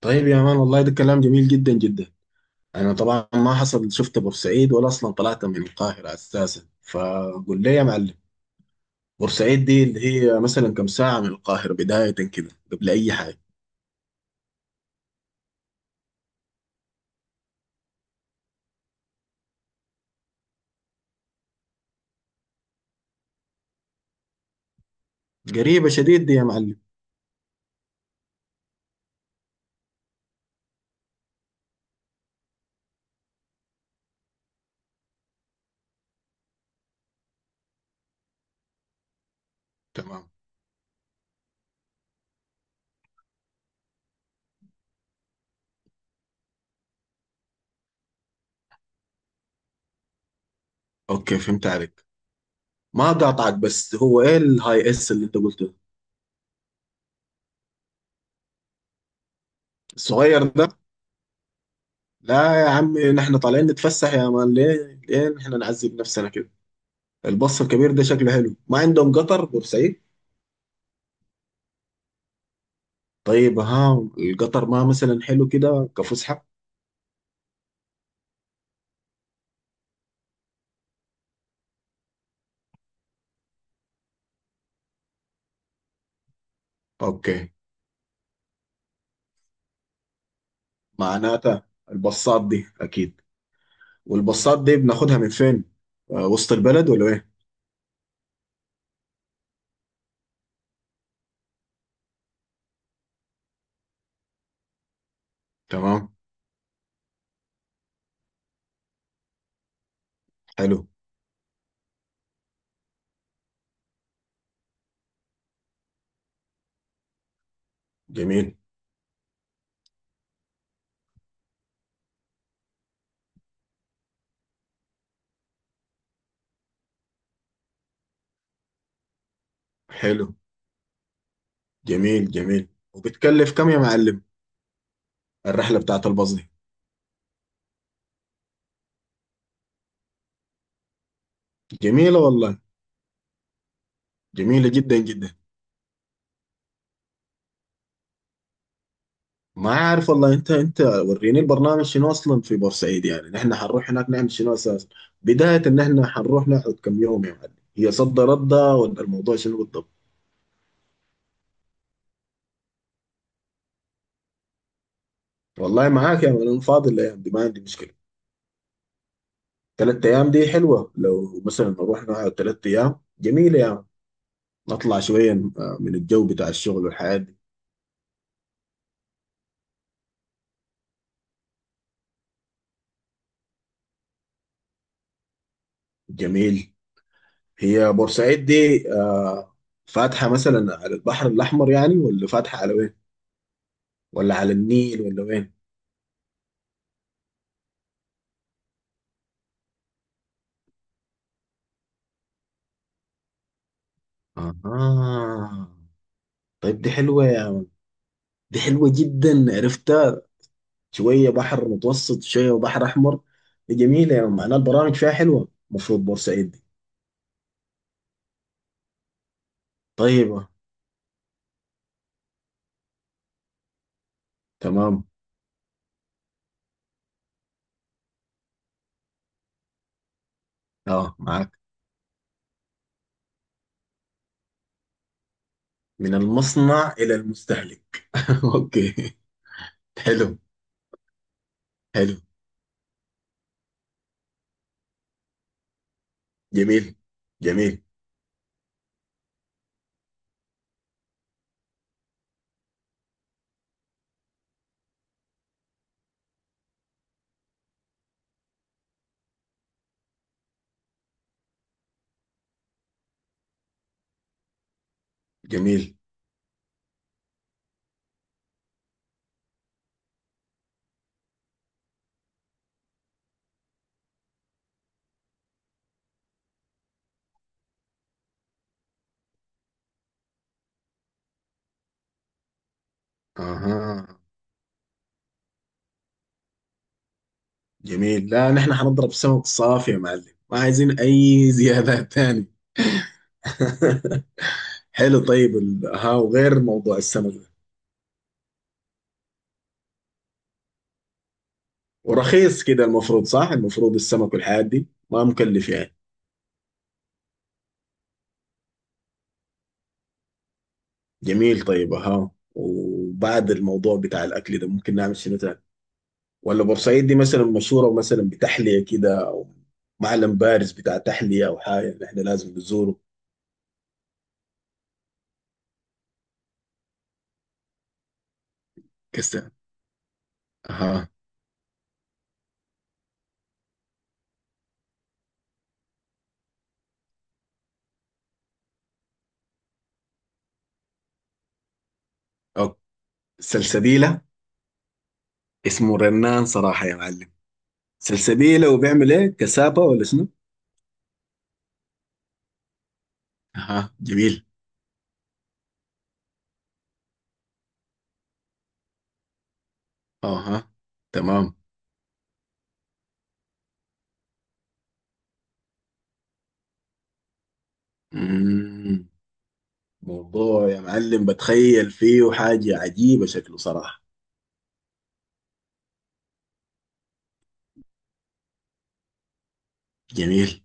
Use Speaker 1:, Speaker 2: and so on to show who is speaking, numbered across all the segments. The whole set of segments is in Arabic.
Speaker 1: طيب يا مان، والله ده كلام جميل جدا جدا. انا طبعا ما حصل شفت بورسعيد ولا اصلا طلعت من القاهره اساسا، فقول لي يا معلم. بورسعيد دي اللي هي مثلا كم ساعه من القاهره؟ بدايه كده قبل اي حاجه. قريبه شديد دي يا معلم. تمام. اوكي، فهمت عليك. ما قاطعك، بس هو ايه الهاي اس اللي انت قلته؟ الصغير ده. لا يا عمي، نحن طالعين نتفسح يا مان، ليه ليه نحن نعذب نفسنا كده؟ البص الكبير ده شكله حلو. ما عندهم قطر بورسعيد؟ طيب ها. القطر ما مثلا حلو كده كفسحة؟ اوكي. معناتها البصات دي اكيد. والبصات دي بناخدها من فين؟ وسط البلد ولا ايه؟ تمام. حلو. جميل. حلو. جميل جميل وبتكلف كم يا معلم الرحلة بتاعت الباص دي؟ جميلة والله. جميلة جدا جدا. ما عارف والله. انت وريني البرنامج شنو اصلا في بورسعيد، يعني نحن حنروح هناك نعمل شنو اساسا؟ بداية ان احنا حنروح نقعد كم يوم يا معلم؟ هي صد ردة ولا الموضوع شنو بالضبط؟ والله معاك يا مان، انا فاضي الايام دي، ما عندي مشكله. ثلاث ايام دي حلوه، لو مثلا نروح نقعد ثلاث ايام جميله يا مان. نطلع شويه من الجو بتاع الشغل والحياه دي. جميل. هي بورسعيد دي فاتحه مثلا على البحر الاحمر يعني، ولا فاتحه على وين؟ ولا على النيل ولا وين؟ اها. طيب، دي حلوه يا مان. دي حلوه جدا، عرفتها. شويه بحر متوسط، شويه بحر احمر. دي جميله يا مان، معناها البرامج فيها حلوه المفروض بورسعيد دي. طيبه. تمام. اه، معاك. من المصنع الى المستهلك. اوكي. حلو. حلو. جميل. جميل. جميل. اها، جميل. لا، نحن حنضرب سمك صافي يا معلم، ما عايزين اي زيادات تاني. حلو. طيب، ها، وغير موضوع السمك ده، ورخيص كده المفروض، صح؟ المفروض السمك والحاجات دي ما مكلف يعني. جميل. طيب ها، وبعد الموضوع بتاع الاكل ده ممكن نعمل شنو تاني؟ ولا بورسعيد دي مثلا مشهورة مثلا بتحلية كده، أو معلم بارز بتاع تحلية أو حاجة اللي إحنا لازم نزوره؟ كسر. اها. اوكي. سلسبيلة. اسمه رنان صراحة يا معلم. سلسبيلة وبيعمل ايه، كسابة ولا شنو؟ اها، جميل. اها، تمام. مم. موضوع يا معلم بتخيل فيه حاجة عجيبة شكله صراحة. جميل.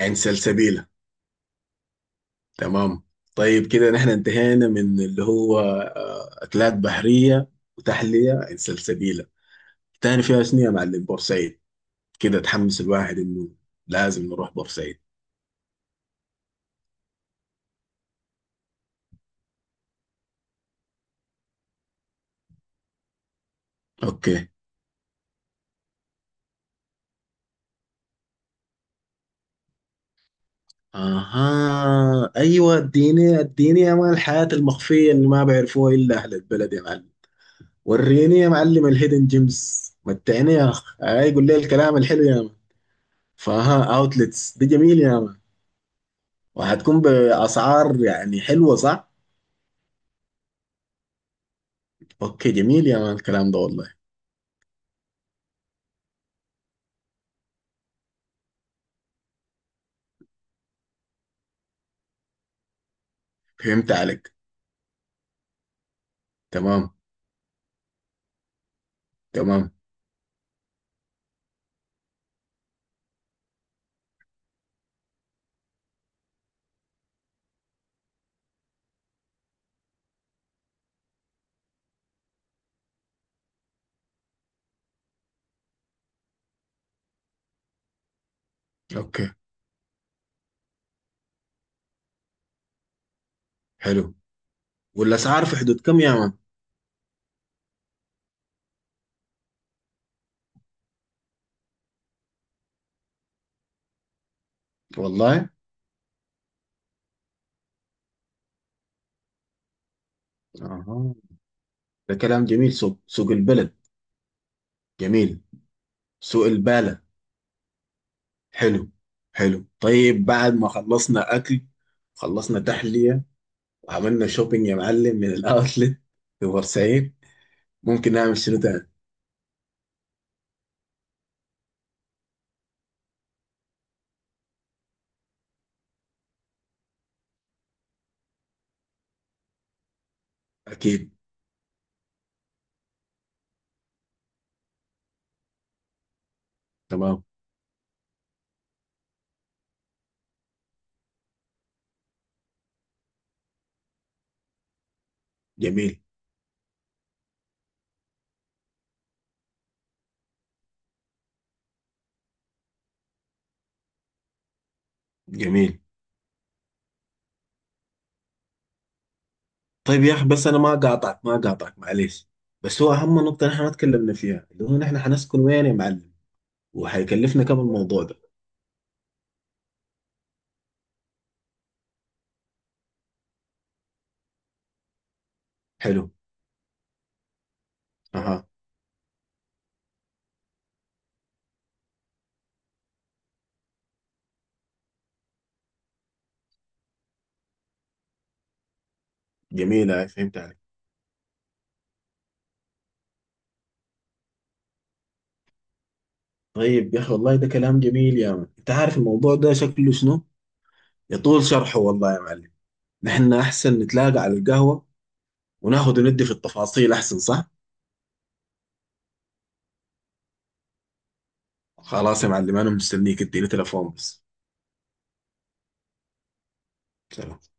Speaker 1: عين سلسبيلة. تمام. طيب كده نحن انتهينا من اللي هو أكلات بحرية وتحلية عن سلسبيلة. تاني فيها شنو يا معلم بورسعيد؟ كده تحمس الواحد إنه لازم نروح بورسعيد. أوكي. أها، أيوة، اديني اديني يا مان الحياة المخفية اللي ما بيعرفوها إلا أهل البلد يا معلم. وريني يا معلم الهيدن جيمز، متعني يا أخ، أي قول لي الكلام الحلو يا مان. فها، أوتلتس دي جميل يا مان. وهتكون بأسعار يعني حلوة، صح؟ اوكي، جميل يا مان الكلام ده والله. فهمت عليك. تمام تمام. اوكي، حلو. والاسعار في حدود كم يا مان؟ والله. اها، ده كلام جميل. سوق البلد. جميل. سوق البالة. حلو. حلو. طيب، بعد ما خلصنا اكل، خلصنا تحلية، وعملنا شوبينج يا معلم من الاوتلت في بورسعيد، ممكن نعمل شنو تاني؟ اكيد. تمام. جميل جميل. طيب يا اخي، بس انا ما قاطعك معليش. بس هو اهم نقطه نحن ما تكلمنا فيها اللي هو نحن حنسكن وين يا معلم؟ وحيكلفنا كم الموضوع ده؟ حلو. اها، جميل. هاي، فهمت عليك. طيب يا اخي والله ده كلام جميل يا من، انت عارف الموضوع ده شكله شنو، يطول شرحه والله يا معلم. نحن احسن نتلاقى على القهوه وناخذ وندي في التفاصيل احسن، صح؟ خلاص يا معلم، انا مستنيك، اديني تليفون بس. سلام.